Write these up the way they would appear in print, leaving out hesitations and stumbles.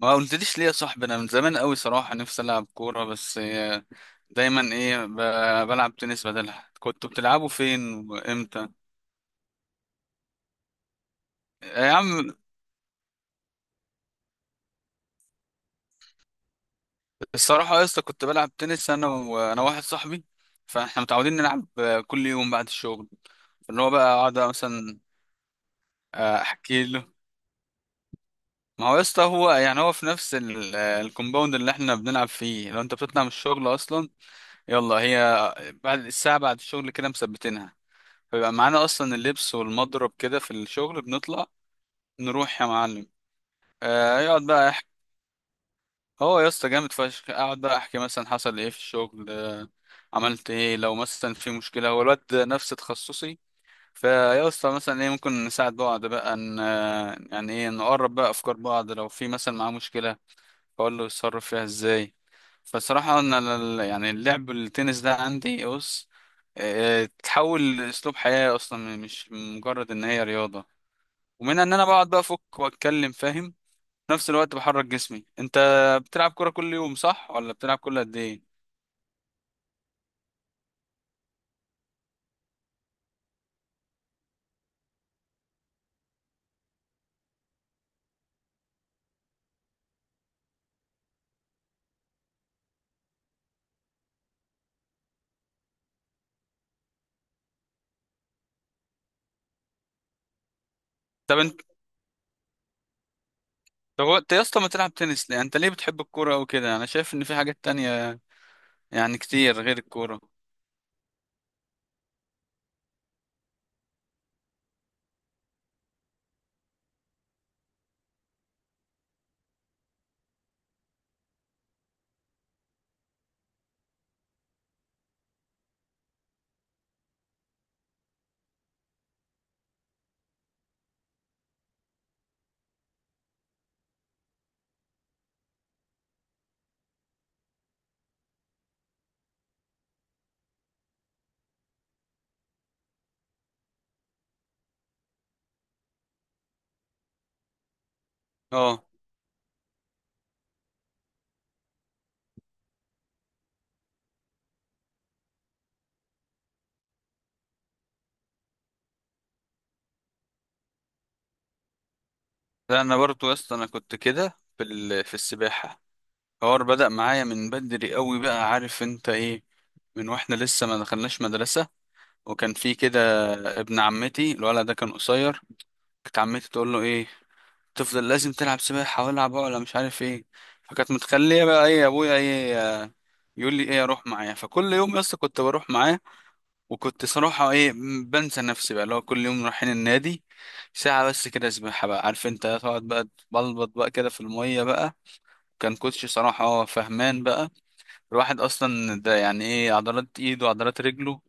ما قلتليش ليه يا صاحبي؟ انا من زمان قوي صراحه نفسي العب كوره، بس دايما ايه بلعب تنس بدلها. كنتوا بتلعبوا فين وامتى؟ يا عم الصراحه يا اسطى، كنت بلعب تنس انا وانا واحد صاحبي. فاحنا متعودين نلعب، كل يوم بعد الشغل، اللي هو بقى اقعد مثلا. احكي له. ما هو يا اسطى هو يعني هو في نفس الكومباوند اللي احنا بنلعب فيه. لو انت بتطلع من الشغل اصلا، يلا هي بعد الساعه، بعد الشغل كده مثبتينها. بيبقى معانا اصلا اللبس والمضرب كده في الشغل، بنطلع نروح يا معلم. آه يقعد بقى يحكي. هو يا اسطى جامد فشخ، اقعد بقى احكي مثلا حصل ايه في الشغل، آه عملت ايه لو مثلا في مشكله. هو الواد ده نفس تخصصي، فيا اسطى مثلا ايه ممكن نساعد بعض بقى، ان يعني ايه نقرب بقى افكار بعض لو في مثلا معاه مشكله، اقول له يتصرف فيها ازاي. فصراحه انا يعني اللعب التنس ده عندي بص، تحول لاسلوب حياه اصلا، مش مجرد ان هي رياضه. ومنها ان انا بقعد بقى افك واتكلم، فاهم؟ في نفس الوقت بحرك جسمي. انت بتلعب كوره كل يوم صح، ولا بتلعب كل قد ايه؟ طب انت، طب انت يا اسطى ما تلعب تنس ليه؟ انت ليه بتحب الكوره او كده؟ انا شايف ان في حاجات تانية يعني كتير غير الكوره. اه، لا انا برضو يا اسطى انا كنت كده في في السباحه. الحوار بدأ معايا من بدري قوي بقى، عارف انت ايه؟ من واحنا لسه ما دخلناش مدرسه، وكان في كده ابن عمتي، الولد ده كان قصير. كانت عمتي تقول له ايه، تفضل لازم تلعب سباحة والعب عقلة مش عارف ايه. فكانت متخلية بقى ايه ابويا ايه، آه، يقول لي ايه اروح معاه. فكل يوم يا اسطى كنت بروح معاه، وكنت صراحة ايه بنسى نفسي بقى. اللي هو كل يوم رايحين النادي ساعة بس كده سباحة بقى، عارف انت، تقعد بقى تبلبط بقى كده في المية بقى. كان كوتش صراحة اه فهمان بقى. الواحد اصلا ده يعني ايه عضلات ايده وعضلات رجله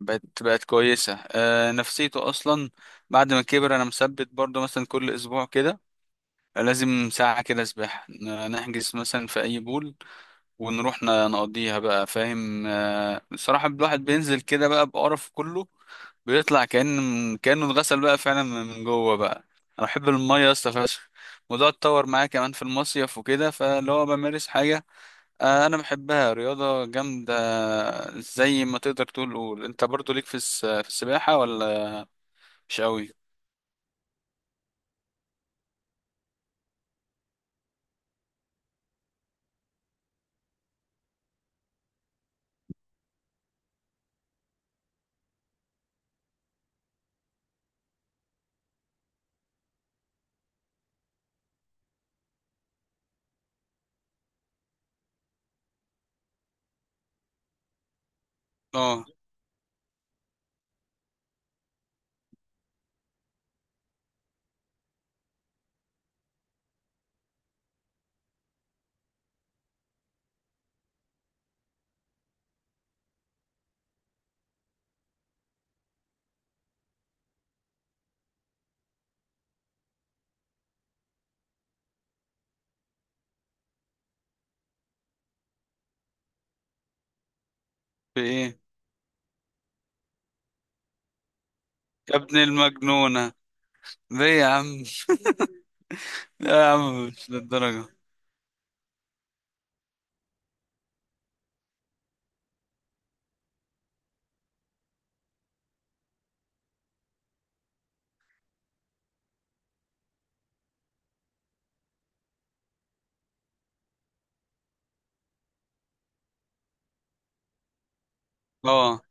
بقت كويسة، آه نفسيته اصلا. بعد ما كبر انا مثبت برضه مثلا كل اسبوع كده لازم ساعة كده سباحة، نحجز مثلا في أي بول ونروح نقضيها بقى، فاهم؟ بصراحة الواحد بينزل كده بقى بقرف كله، بيطلع كأن كأنه اتغسل بقى فعلا من جوه بقى. أنا بحب المية يا اسطى فشخ. الموضوع اتطور معايا كمان في المصيف وكده، فاللي هو بمارس حاجة، أنا بحبها رياضة جامدة. زي ما تقدر تقول، قول أنت برضو ليك في في السباحة ولا مش أوي؟ اه في إيه؟ يا ابن المجنونة، ليه يا عم؟ لا يا عم مش للدرجة. اه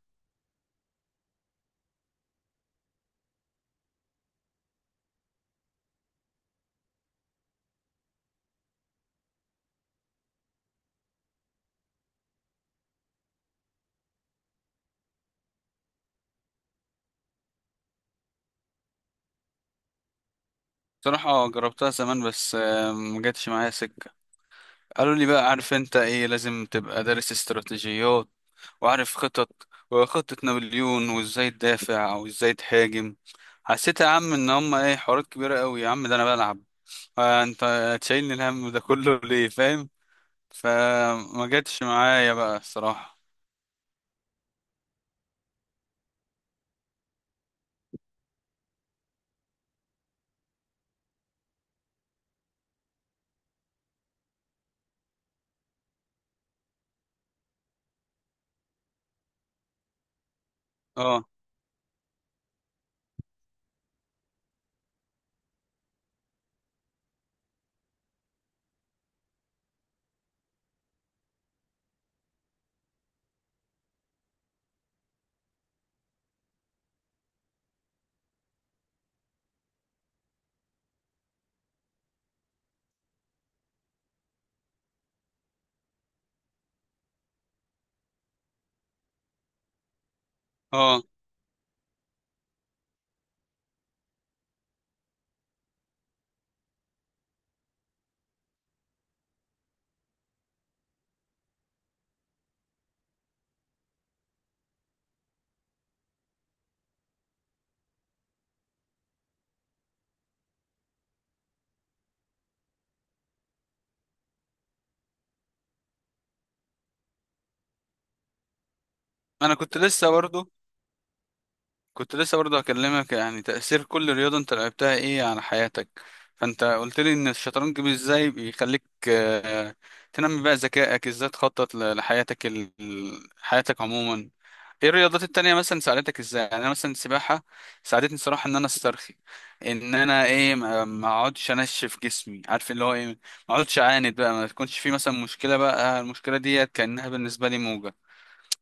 بصراحة جربتها زمان، بس ما جاتش معايا سكة. قالوا لي بقى عارف انت ايه، لازم تبقى دارس استراتيجيات وعارف خطط وخطة نابليون وازاي تدافع او ازاي تهاجم. حسيت يا عم ان هم ايه حوارات كبيرة قوي يا عم، ده انا بلعب انت تشيلني الهم ده كله ليه، فاهم؟ فما جاتش معايا بقى الصراحة. اه. اه انا كنت لسه برضو، كنت لسه برضه هكلمك يعني تأثير كل رياضة انت لعبتها ايه على حياتك. فانت قلت لي ان الشطرنج ازاي بيخليك تنمي بقى ذكائك، ازاي تخطط لحياتك حياتك عموما. ايه الرياضات التانية مثلا ساعدتك ازاي؟ يعني انا مثلا السباحة ساعدتني الصراحة ان انا استرخي، ان انا ايه ما اقعدش انشف جسمي، عارف اللي هو ايه، ما اقعدش اعاند بقى. ما تكونش في مثلا مشكلة بقى، المشكلة ديت كأنها بالنسبة لي موجة،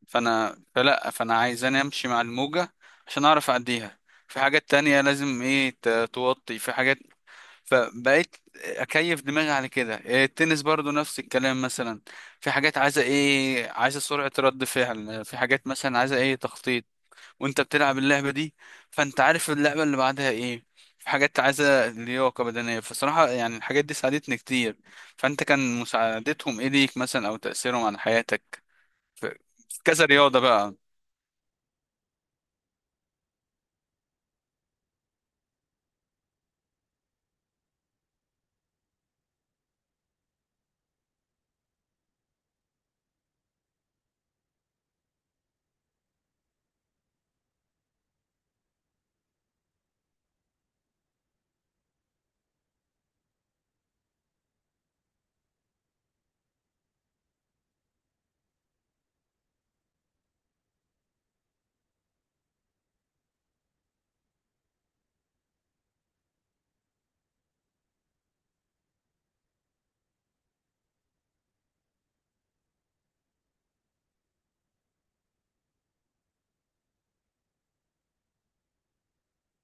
فانا فلا فانا عايزاني امشي مع الموجة عشان اعرف اعديها. في حاجات تانية لازم ايه توطي في حاجات، فبقيت اكيف دماغي على كده. إيه، التنس برضو نفس الكلام. مثلا في حاجات عايزة ايه، عايزة سرعة رد فعل، في حاجات مثلا عايزة ايه تخطيط، وانت بتلعب اللعبة دي فانت عارف اللعبة اللي بعدها ايه، في حاجات عايزة لياقة بدنية. فصراحة يعني الحاجات دي ساعدتني كتير. فانت كان مساعدتهم ايه ليك مثلا، او تأثيرهم على حياتك في، في كذا رياضة بقى؟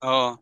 اه.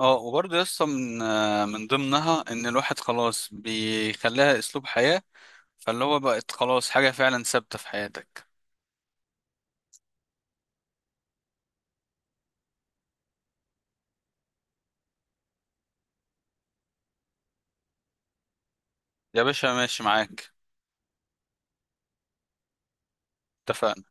اه وبرضه يا اسطى من ضمنها ان الواحد خلاص بيخليها اسلوب حياة، فاللي هو بقت خلاص حاجة فعلا ثابتة في حياتك. يا باشا ماشي معاك. اتفقنا.